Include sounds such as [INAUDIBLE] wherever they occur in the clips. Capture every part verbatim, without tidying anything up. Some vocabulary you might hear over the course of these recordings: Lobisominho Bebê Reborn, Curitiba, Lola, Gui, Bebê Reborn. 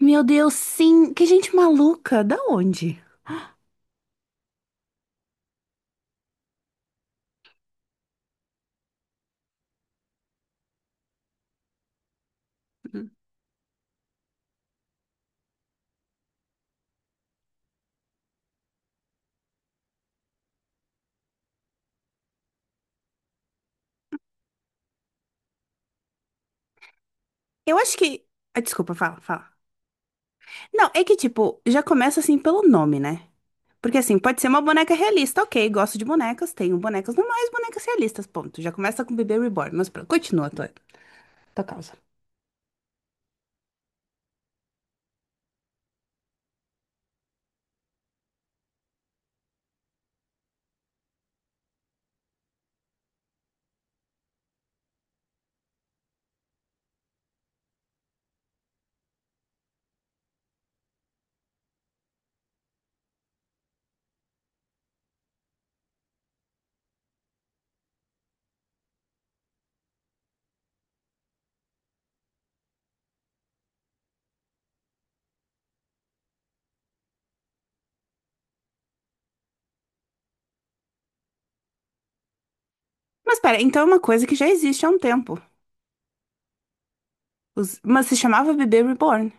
Meu Deus, sim. Que gente maluca. Da onde? Hum. Eu acho que. Ah, desculpa, fala, fala. Não, é que, tipo, já começa assim pelo nome, né? Porque assim, pode ser uma boneca realista, ok, gosto de bonecas, tenho bonecas normais, bonecas realistas, ponto. Já começa com Bebê Reborn, mas pronto, continua a tua, tua causa. Mas pera, então é uma coisa que já existe há um tempo. Os- Mas se chamava Bebê Reborn.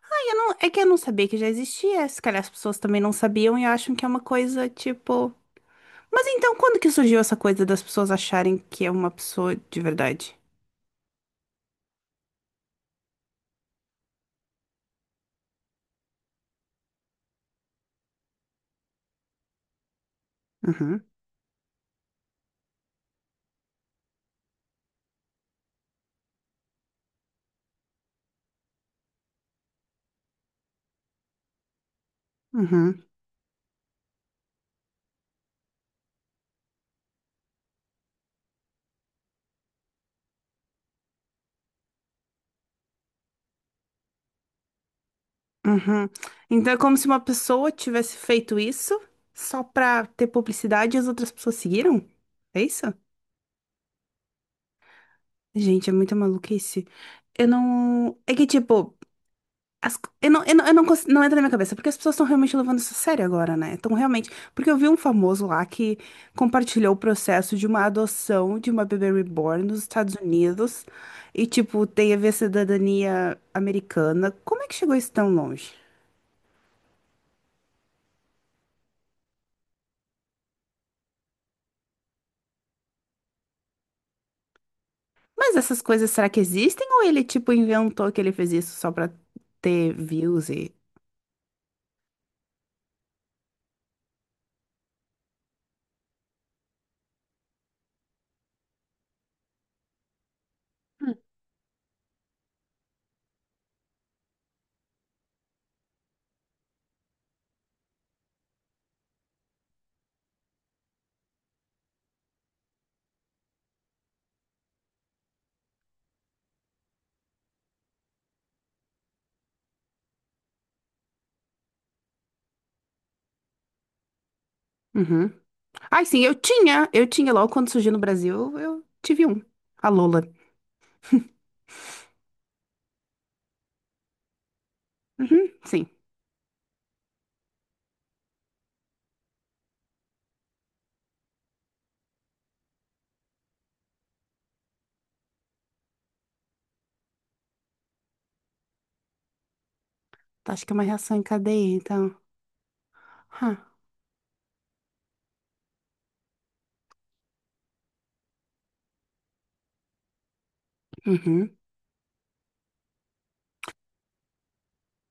Ah, eu não... É que eu não sabia que já existia, se calhar as pessoas também não sabiam e acham que é uma coisa, tipo. Mas então, quando que surgiu essa coisa das pessoas acharem que é uma pessoa de verdade? Uhum, uhum, uhum. Então é como se uma pessoa tivesse feito isso só pra ter publicidade e as outras pessoas seguiram? É isso? Gente, é muita maluquice. Eu não. É que, tipo, As co- eu não, eu não, eu não, cons- não entra na minha cabeça, porque as pessoas estão realmente levando isso a sério agora, né? Estão realmente. Porque eu vi um famoso lá que compartilhou o processo de uma adoção de uma bebê reborn nos Estados Unidos e, tipo, tem a ver cidadania americana. Como é que chegou isso tão longe? Mas essas coisas, será que existem? Ou ele, tipo, inventou que ele fez isso só pra ter views e. Uhum. Ai, sim, eu tinha, eu tinha logo quando surgiu no Brasil, eu tive um. A Lola. Uhum, sim. Acho que é uma reação em cadeia, então. Huh. Uhum.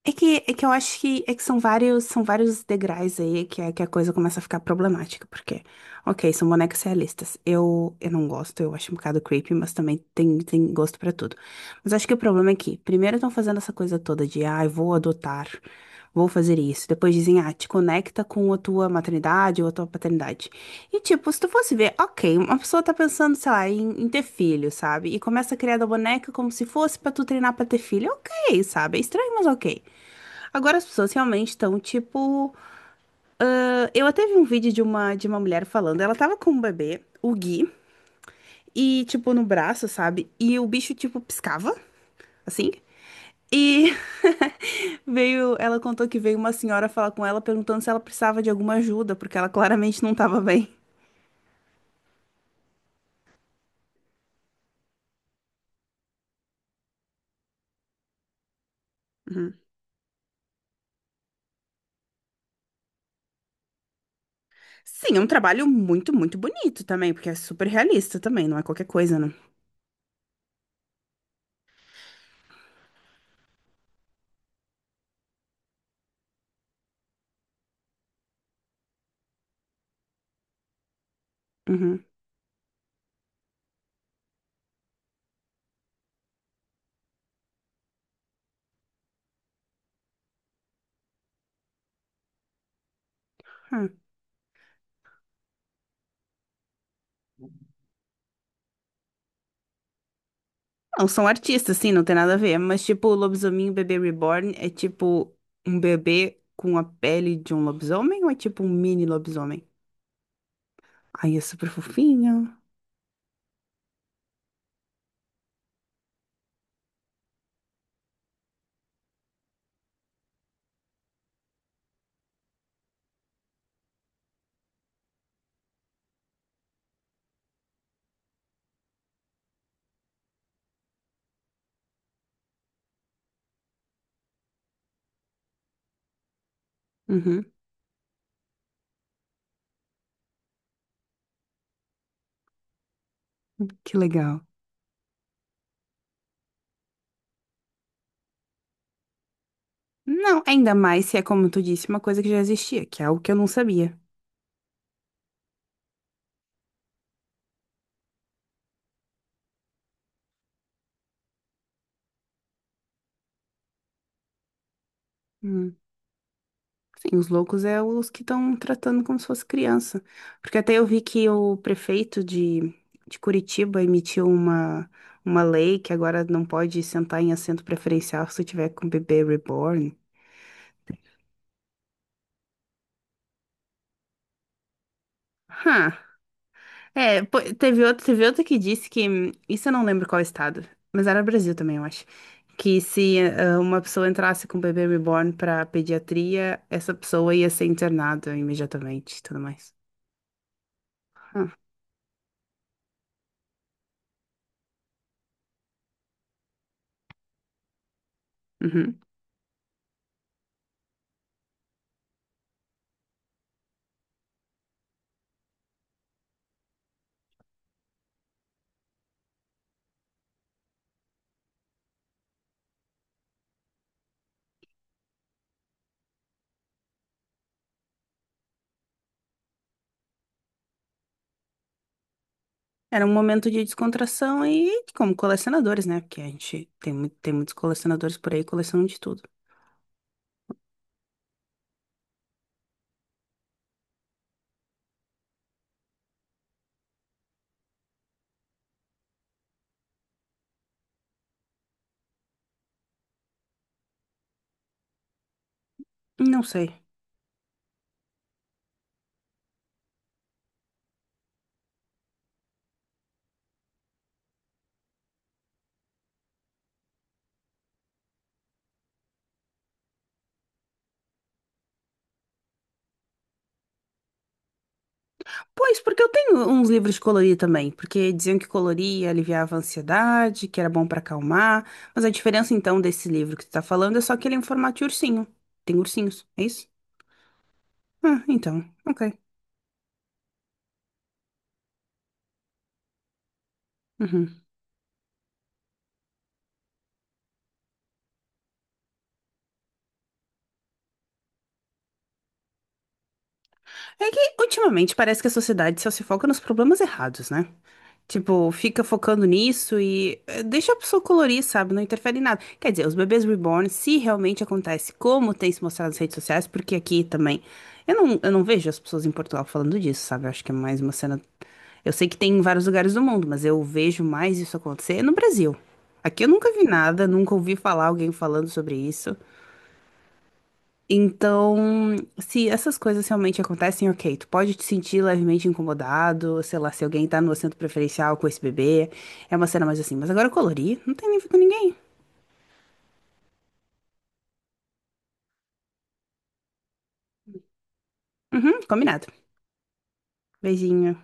É que, é que eu acho que, é que são vários, são vários degraus aí que, a- que a coisa começa a ficar problemática, porque, ok, são bonecas realistas. Eu, eu não gosto, eu acho um bocado creepy, mas também tem, tem gosto pra tudo. Mas acho que o problema é que, primeiro estão fazendo essa coisa toda de, ah, eu vou adotar, vou fazer isso. Depois dizem, ah, te conecta com a tua maternidade ou a tua paternidade. E, tipo, se tu fosse ver, ok, uma pessoa tá pensando, sei lá, em, em ter filho, sabe? E começa a criar da boneca como se fosse pra tu treinar pra ter filho, ok, sabe? É estranho, mas ok. Agora as pessoas realmente estão tipo. Ah, eu até vi um vídeo de uma, de uma mulher falando. Ela tava com um bebê, o Gui, e tipo no braço, sabe? E o bicho tipo piscava, assim. E [LAUGHS] veio. Ela contou que veio uma senhora falar com ela perguntando se ela precisava de alguma ajuda, porque ela claramente não tava bem. Uhum. Sim, é um trabalho muito, muito bonito também, porque é super realista também, não é qualquer coisa, né? Uhum. É. Não, são artistas, sim, não tem nada a ver. Mas, tipo, o Lobisominho Bebê Reborn é tipo um bebê com a pele de um lobisomem ou é tipo um mini lobisomem? Ai, é super fofinho. Uhum, que legal. Não, ainda mais se é, como tu disse, uma coisa que já existia, que é algo que eu não sabia. Hum. Sim, os loucos é os que estão tratando como se fosse criança. Porque até eu vi que o prefeito de, de Curitiba emitiu uma, uma lei que agora não pode sentar em assento preferencial se tu tiver com bebê reborn. Hã. É, pô, teve outro, teve outro que disse que. hum, Isso eu não lembro qual estado, mas era Brasil também, eu acho. Que se ah, uma pessoa entrasse com um bebê reborn pra pediatria, essa pessoa ia ser internada imediatamente e tudo mais. Uhum. Era um momento de descontração e como colecionadores, né? Porque a gente tem, mu- tem muitos colecionadores por aí, colecionam de tudo. Não sei. Pois, porque eu tenho uns livros de colorir também, porque diziam que colorir aliviava a ansiedade, que era bom pra acalmar, mas a diferença então desse livro que tu tá falando é só que ele é em formato de ursinho. Tem ursinhos, é isso? Ah, então, ok. Uhum. É que ultimamente parece que a sociedade só se foca nos problemas errados, né? Tipo, fica focando nisso e eh, deixa a pessoa colorir, sabe? Não interfere em nada. Quer dizer, os bebês reborn, se realmente acontece, como tem se mostrado nas redes sociais, porque aqui também. Eu não, eu não vejo as pessoas em Portugal falando disso, sabe? Eu acho que é mais uma cena. Eu sei que tem em vários lugares do mundo, mas eu vejo mais isso acontecer no Brasil. Aqui eu nunca vi nada, nunca ouvi falar alguém falando sobre isso. Então, se essas coisas realmente acontecem, ok, tu pode te sentir levemente incomodado, sei lá, se alguém tá no assento preferencial com esse bebê, é uma cena mais assim, mas agora colorir, não tem nível com ninguém. Uhum, combinado. Beijinho.